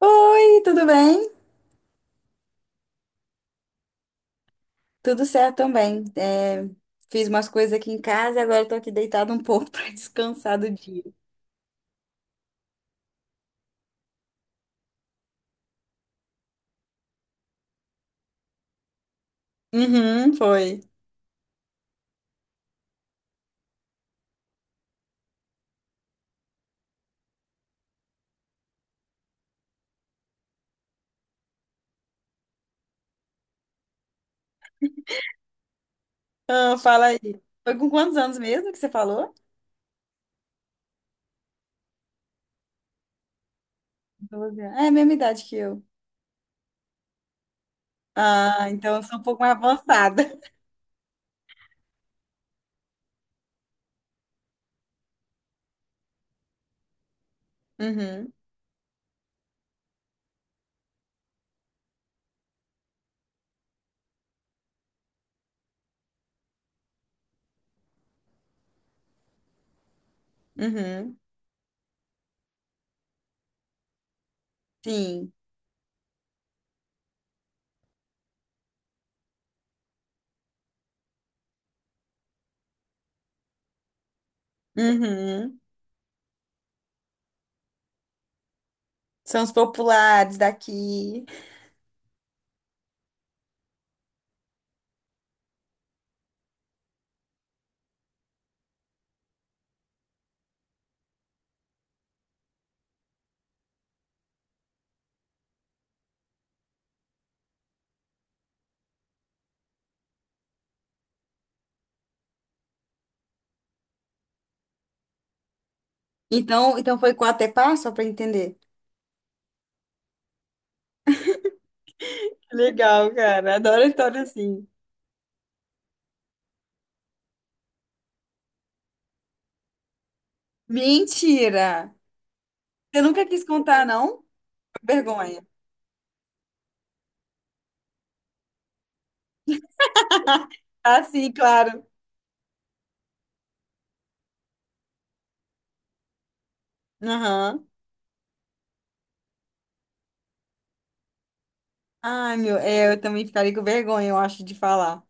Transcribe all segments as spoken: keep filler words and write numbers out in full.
Oi, tudo bem? Tudo certo também. É, fiz umas coisas aqui em casa e agora eu tô aqui deitada um pouco pra descansar do dia. Uhum, foi. Ah, fala aí. Foi com quantos anos mesmo que você falou? Doze anos. É a mesma idade que eu. Ah, então eu sou um pouco mais avançada. Uhum, uhum, sim. Uhum. São os populares daqui. Então, então foi quatro até passo, só pra entender. Legal, cara. Adoro história assim. Mentira! Você nunca quis contar, não? Vergonha. Ah, sim, claro. Aham. Ai, meu, é, eu também ficaria com vergonha, eu acho, de falar.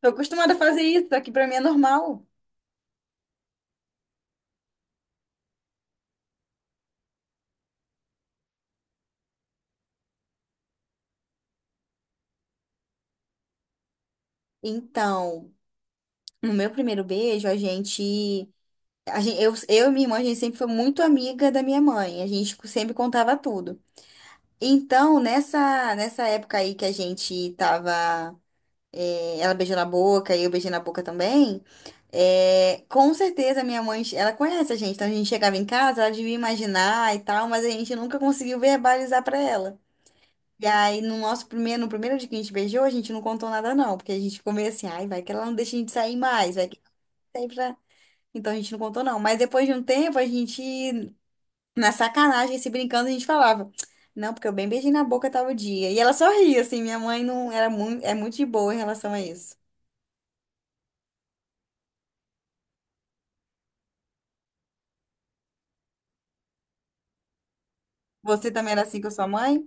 Tô acostumada a fazer isso, aqui pra mim é normal. Então, no meu primeiro beijo, a gente, a gente, eu, eu e minha irmã, a gente sempre foi muito amiga da minha mãe. A gente sempre contava tudo. Então, nessa, nessa época aí que a gente tava é, ela beijou na boca e eu beijei na boca também. É, com certeza minha mãe, ela conhece a gente, então a gente chegava em casa, ela devia imaginar e tal, mas a gente nunca conseguiu verbalizar pra ela. E aí, no nosso primeiro, no primeiro dia que a gente beijou, a gente não contou nada não, porque a gente ficou meio assim, ai, vai que ela não deixa a gente sair mais, vai que ela sai pra. Então a gente não contou não. Mas depois de um tempo, a gente, na sacanagem, se brincando, a gente falava, não, porque eu bem beijei na boca tal dia. E ela sorria, assim, minha mãe não era muito, é muito de boa em relação a isso. Você também era assim com a sua mãe?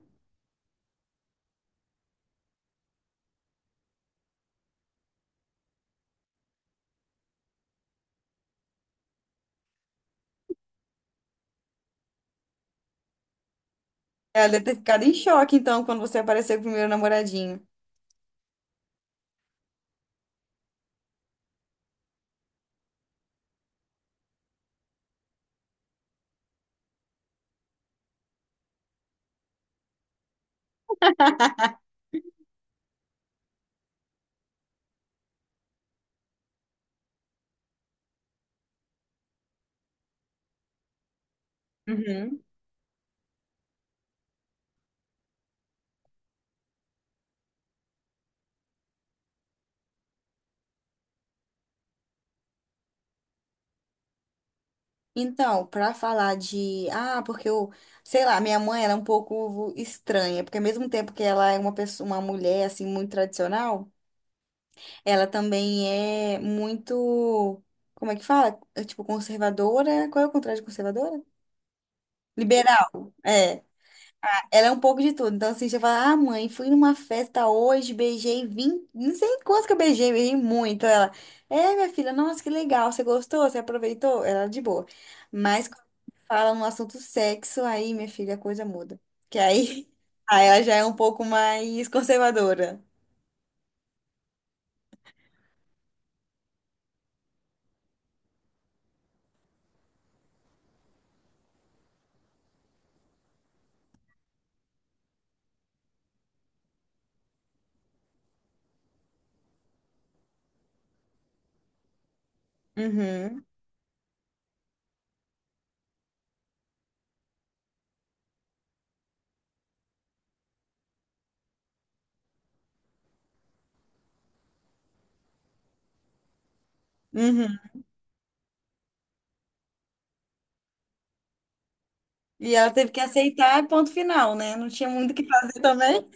Ela deve ter ficado em choque, então, quando você apareceu com o primeiro namoradinho. Uhum. Então, pra falar de. Ah, porque eu. Sei lá, minha mãe era um pouco estranha, porque ao mesmo tempo que ela é uma pessoa, uma mulher, assim, muito tradicional, ela também é muito. Como é que fala? É, tipo, conservadora. Qual é o contrário de conservadora? Liberal. É. Ela é um pouco de tudo. Então, assim, você fala, ah, mãe, fui numa festa hoje, beijei vinte, não sei quantos que eu beijei, beijei muito. Ela, é, minha filha, nossa, que legal, você gostou, você aproveitou? Ela de boa. Mas quando fala no assunto sexo, aí, minha filha, a coisa muda. Que aí, aí ela já é um pouco mais conservadora. Uhum, uhum. E ela teve que aceitar, ponto final, né? Não tinha muito o que fazer também.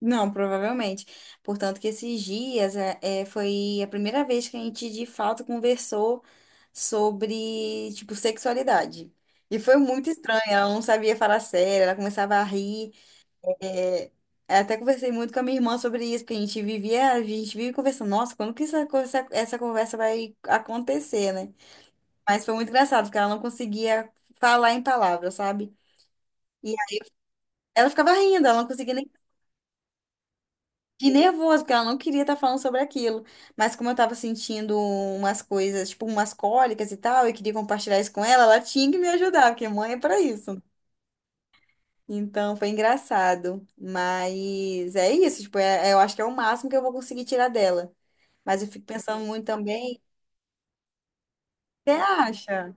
Não, provavelmente. Portanto, que esses dias é, é, foi a primeira vez que a gente de fato conversou sobre, tipo, sexualidade. E foi muito estranho, ela não sabia falar sério, ela começava a rir. É, eu até conversei muito com a minha irmã sobre isso, porque a gente vivia, a gente vive conversando, nossa, quando que essa, conversa- essa conversa vai acontecer, né? Mas foi muito engraçado, porque ela não conseguia falar em palavras, sabe? E ela ficava rindo, ela não conseguia nem. Que nervoso, porque ela não queria estar falando sobre aquilo. Mas como eu tava sentindo umas coisas, tipo umas cólicas e tal, eu queria compartilhar isso com ela, ela tinha que me ajudar, porque mãe é pra isso. Então foi engraçado. Mas é isso, tipo, é- é- eu acho que é o máximo que eu vou conseguir tirar dela. Mas eu fico pensando muito também. Você acha?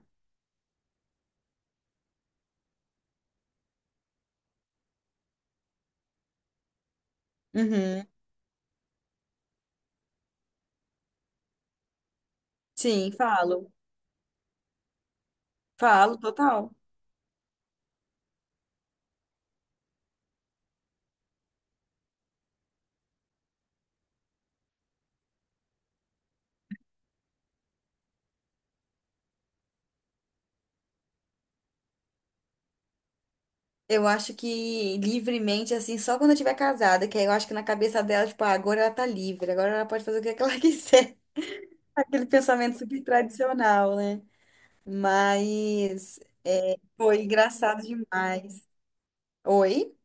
Uhum. Sim, falo. Falo, total. Eu acho que livremente, assim, só quando eu estiver casada, que aí eu acho que na cabeça dela, tipo, ah, agora ela tá livre, agora ela pode fazer o que ela quiser. Aquele pensamento super tradicional, né? Mas foi engraçado demais. Oi?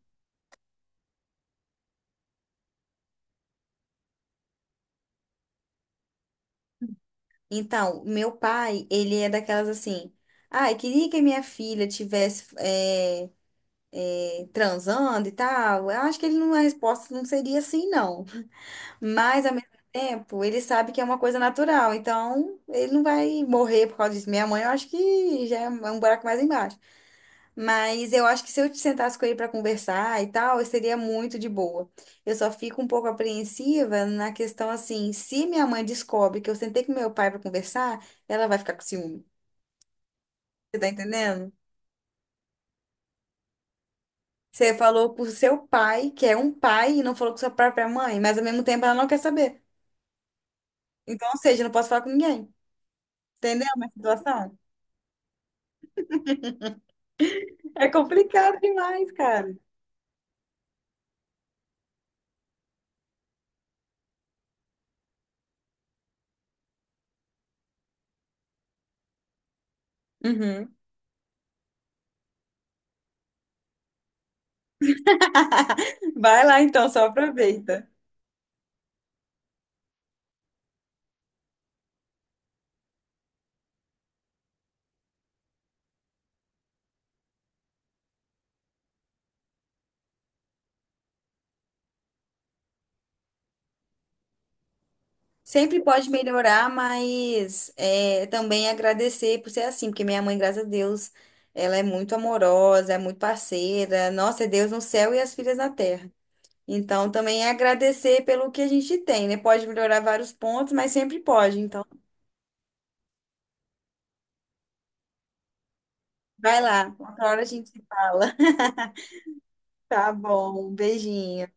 Então, meu pai, ele é daquelas assim. Ai, queria que a minha filha tivesse é, transando e tal. Eu acho que ele não, a resposta não seria assim, não. Mas, ao mesmo tempo, ele sabe que é uma coisa natural. Então, ele não vai morrer por causa disso. Minha mãe, eu acho que já é um buraco mais embaixo. Mas eu acho que se eu te sentasse com ele para conversar e tal, eu seria muito de boa. Eu só fico um pouco apreensiva na questão assim, se minha mãe descobre que eu sentei com meu pai para conversar, ela vai ficar com ciúme. Você tá entendendo? Você falou pro seu pai, que é um pai, e não falou com sua própria mãe, mas ao mesmo tempo ela não quer saber. Então, ou seja, eu não posso falar com ninguém. Entendeu a minha situação? É complicado demais, cara. Uhum. Vai lá então, só aproveita. Sempre pode melhorar, mas é, também agradecer por ser assim, porque minha mãe, graças a Deus, ela é muito amorosa, é muito parceira. Nossa, é Deus no céu e as filhas na terra. Então, também é agradecer pelo que a gente tem, né? Pode melhorar vários pontos, mas sempre pode. Então, vai lá, outra hora a gente se fala. Tá bom, um beijinho.